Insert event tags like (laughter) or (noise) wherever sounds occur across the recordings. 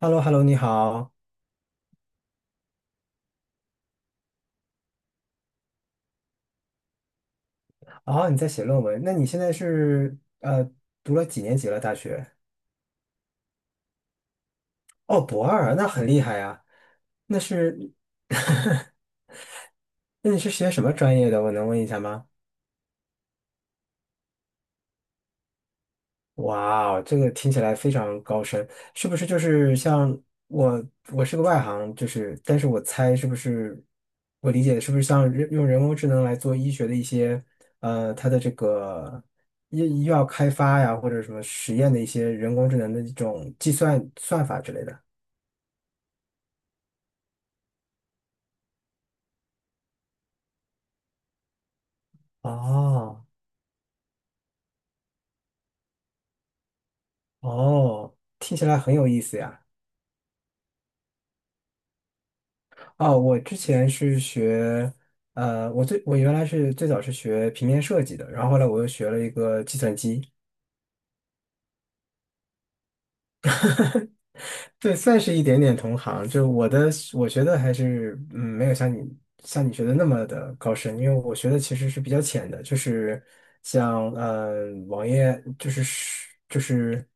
h e l l o h e l l o 你好。哦，你在写论文？那你现在是读了几年级了？大学？哦，博二啊，那很厉害呀。那是，(laughs) 那你是学什么专业的？我能问一下吗？哇哦，这个听起来非常高深，是不是就是像我，我是个外行，但是我猜是不是我理解的是不是像人用人工智能来做医学的一些，它的这个医药开发呀，或者什么实验的一些人工智能的一种计算算法之类的。哦哦，听起来很有意思呀。哦，我之前是呃，我最我原来是最早是学平面设计的，然后后来我又学了一个计算机。对，算是一点点同行。就我学的还是没有像你像你学的那么的高深，因为我学的其实是比较浅的，就是像网页，就是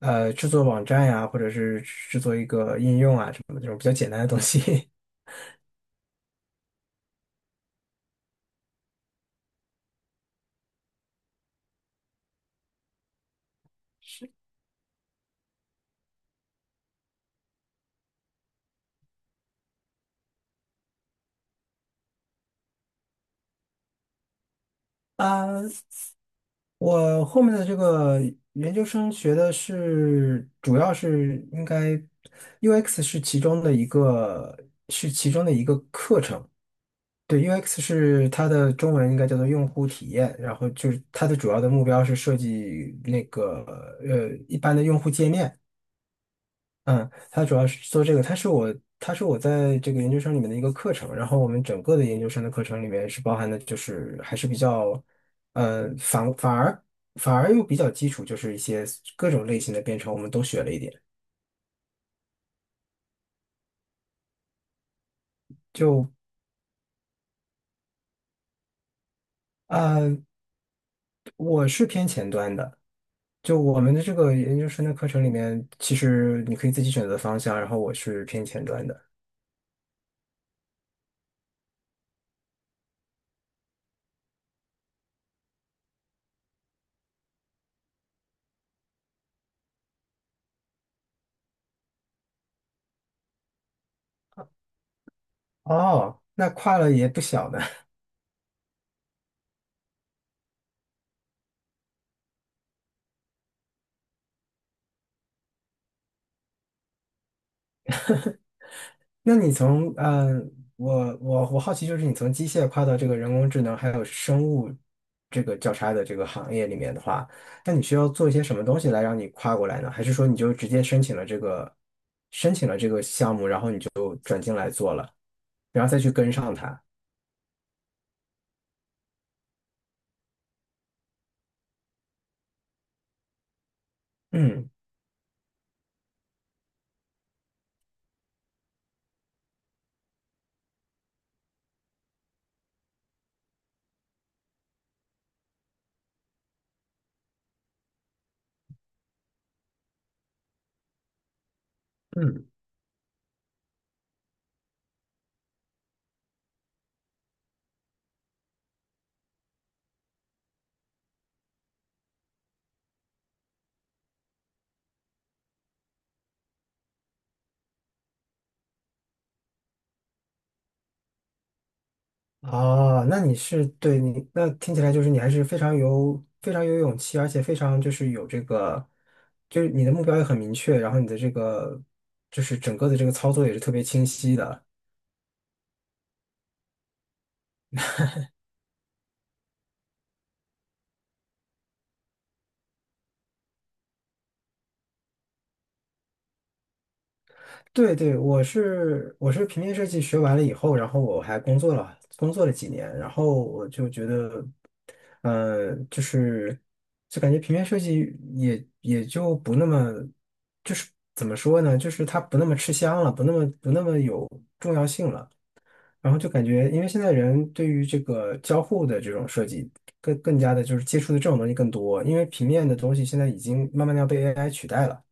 制作网站呀、或者是制作一个应用啊什么的这种比较简单的东西 (laughs) 啊。我后面的这个研究生学的是，主要是应该 UX 是其中的是其中的一个课程。对，UX 是它的中文应该叫做用户体验，然后就是它的主要的目标是设计那个一般的用户界面，嗯，它主要是做这个，它是我在这个研究生里面的一个课程，然后我们整个的研究生的课程里面是包含的，就是还是比较呃反反而反而又比较基础，就是一些各种类型的编程我们都学了一点，呃，我是偏前端的。就我们的这个研究生的课程里面，其实你可以自己选择方向，然后我是偏前端的。哦，那跨了也不小呢。(laughs) 那你从嗯、呃我我我好奇，就是你从机械跨到这个人工智能还有生物这个交叉的这个行业里面的话，那你需要做一些什么东西来让你跨过来呢？还是说你就直接申请了申请了这个项目，然后你就转进来做了，然后再去跟上它？嗯嗯哦，那你是对你那听起来就是你还是非常有非常有勇气，而且非常就是有这个，就是你的目标也很明确，然后你的这个就是整个的这个操作也是特别清晰的。对对，我是平面设计学完了以后，然后我还工作了几年，然后我就觉得，呃，就是就感觉平面设计也就不那么，就是怎么说呢，就是它不那么吃香了，不那么有重要性了。然后就感觉，因为现在人对于这个交互的这种设计更加的就是接触的这种东西更多，因为平面的东西现在已经慢慢的要被 AI 取代了。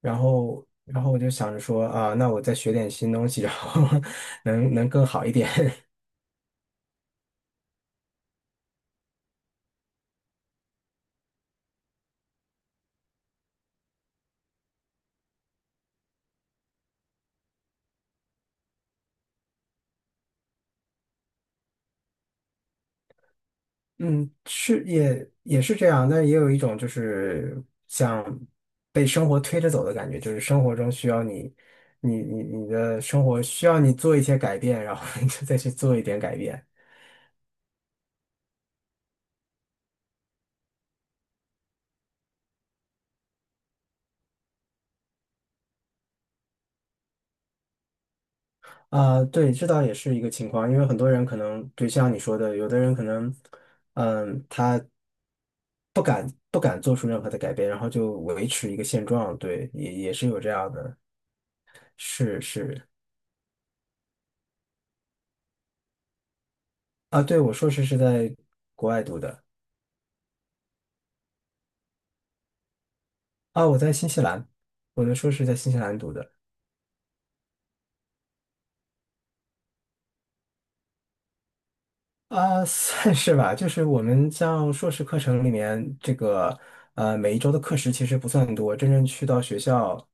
然后我就想着说啊，那我再学点新东西，然后 (laughs) 能更好一点。(laughs) 嗯，是也是这样，但也有一种就是像被生活推着走的感觉，就是生活中需要你，你的生活需要你做一些改变，然后 (laughs) 你就再去做一点改变。啊，对，这倒也是一个情况，因为很多人可能，就像你说的，有的人可能他不敢做出任何的改变，然后就维持一个现状，对，也是有这样的。是是啊，对，我硕士是在国外读的啊，我在新西兰，我的硕士在新西兰读的啊，算是吧。就是我们像硕士课程里面这个每一周的课时其实不算多，真正去到学校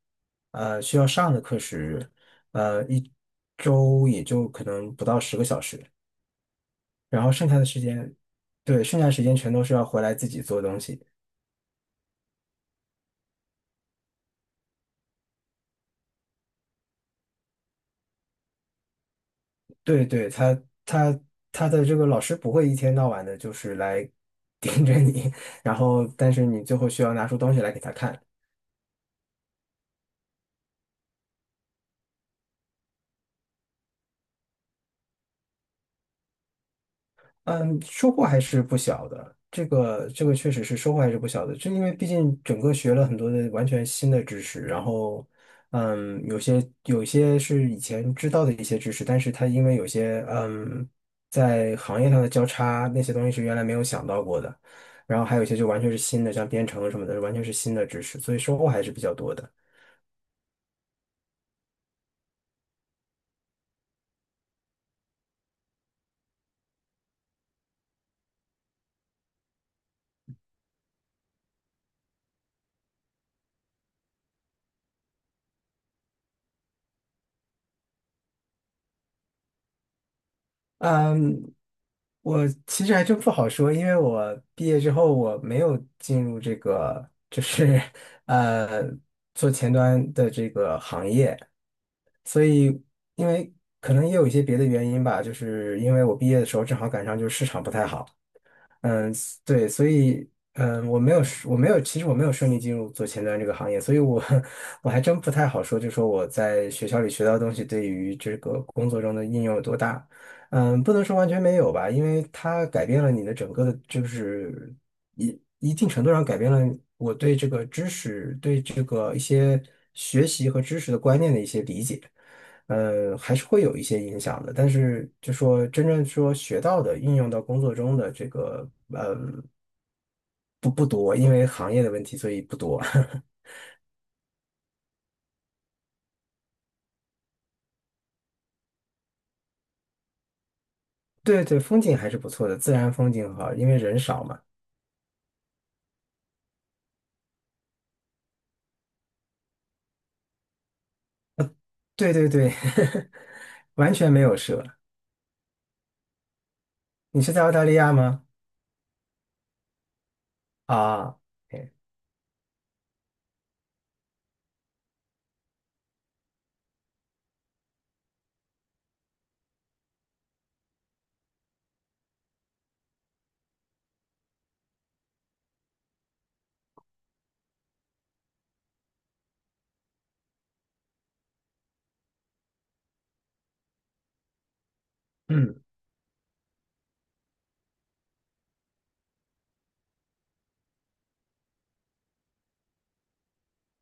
需要上的课时，一周也就可能不到十个小时，然后剩下的时间，对，剩下的时间全都是要回来自己做东西。对对，他他的这个老师不会一天到晚的，就是来 (laughs) 盯着你，(laughs) 然后但是你最后需要拿出东西来给他看。嗯，收获还是不小的。这个确实是收获还是不小的，这因为毕竟整个学了很多的完全新的知识，然后嗯，有些是以前知道的一些知识，但是它因为有些在行业上的交叉，那些东西是原来没有想到过的，然后还有一些就完全是新的，像编程什么的，完全是新的知识，所以收获还是比较多的。嗯，我其实还真不好说，因为我毕业之后我没有进入这个，就是 (laughs) 呃做前端的这个行业，所以因为可能也有一些别的原因吧，就是因为我毕业的时候正好赶上就是市场不太好，嗯，对，所以嗯，我没有顺我没有，其实我没有顺利进入做前端这个行业，所以我 (laughs) 我还真不太好说，就说我在学校里学到的东西对于这个工作中的应用有多大。嗯，不能说完全没有吧，因为它改变了你的整个的，就是一定程度上改变了我对这个知识、对这个一些学习和知识的观念的一些理解。呃，还是会有一些影响的。但是就说真正说学到的、应用到工作中的这个不多，因为行业的问题，所以不多。(laughs) 对对，风景还是不错的，自然风景好，因为人少嘛。对对对，(laughs) 完全没有蛇。你是在澳大利亚吗？啊，对，嗯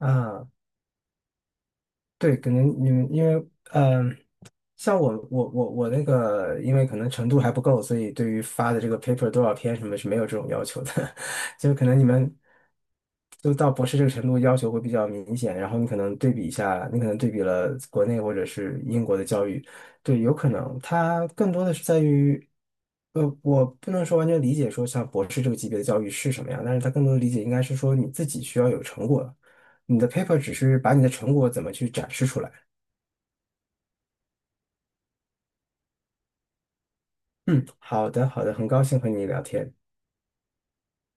啊。对，可能你们因为嗯、呃像我那个，因为可能程度还不够，所以对于发的这个 paper 多少篇什么是没有这种要求的，(laughs) 就可能你们就到博士这个程度要求会比较明显，然后你可能对比一下，你可能对比了国内或者是英国的教育，对，有可能它更多的是在于，呃，我不能说完全理解说像博士这个级别的教育是什么样，但是它更多的理解应该是说你自己需要有成果，你的 paper 只是把你的成果怎么去展示出来。嗯，好的，好的，很高兴和你聊天，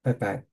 拜拜。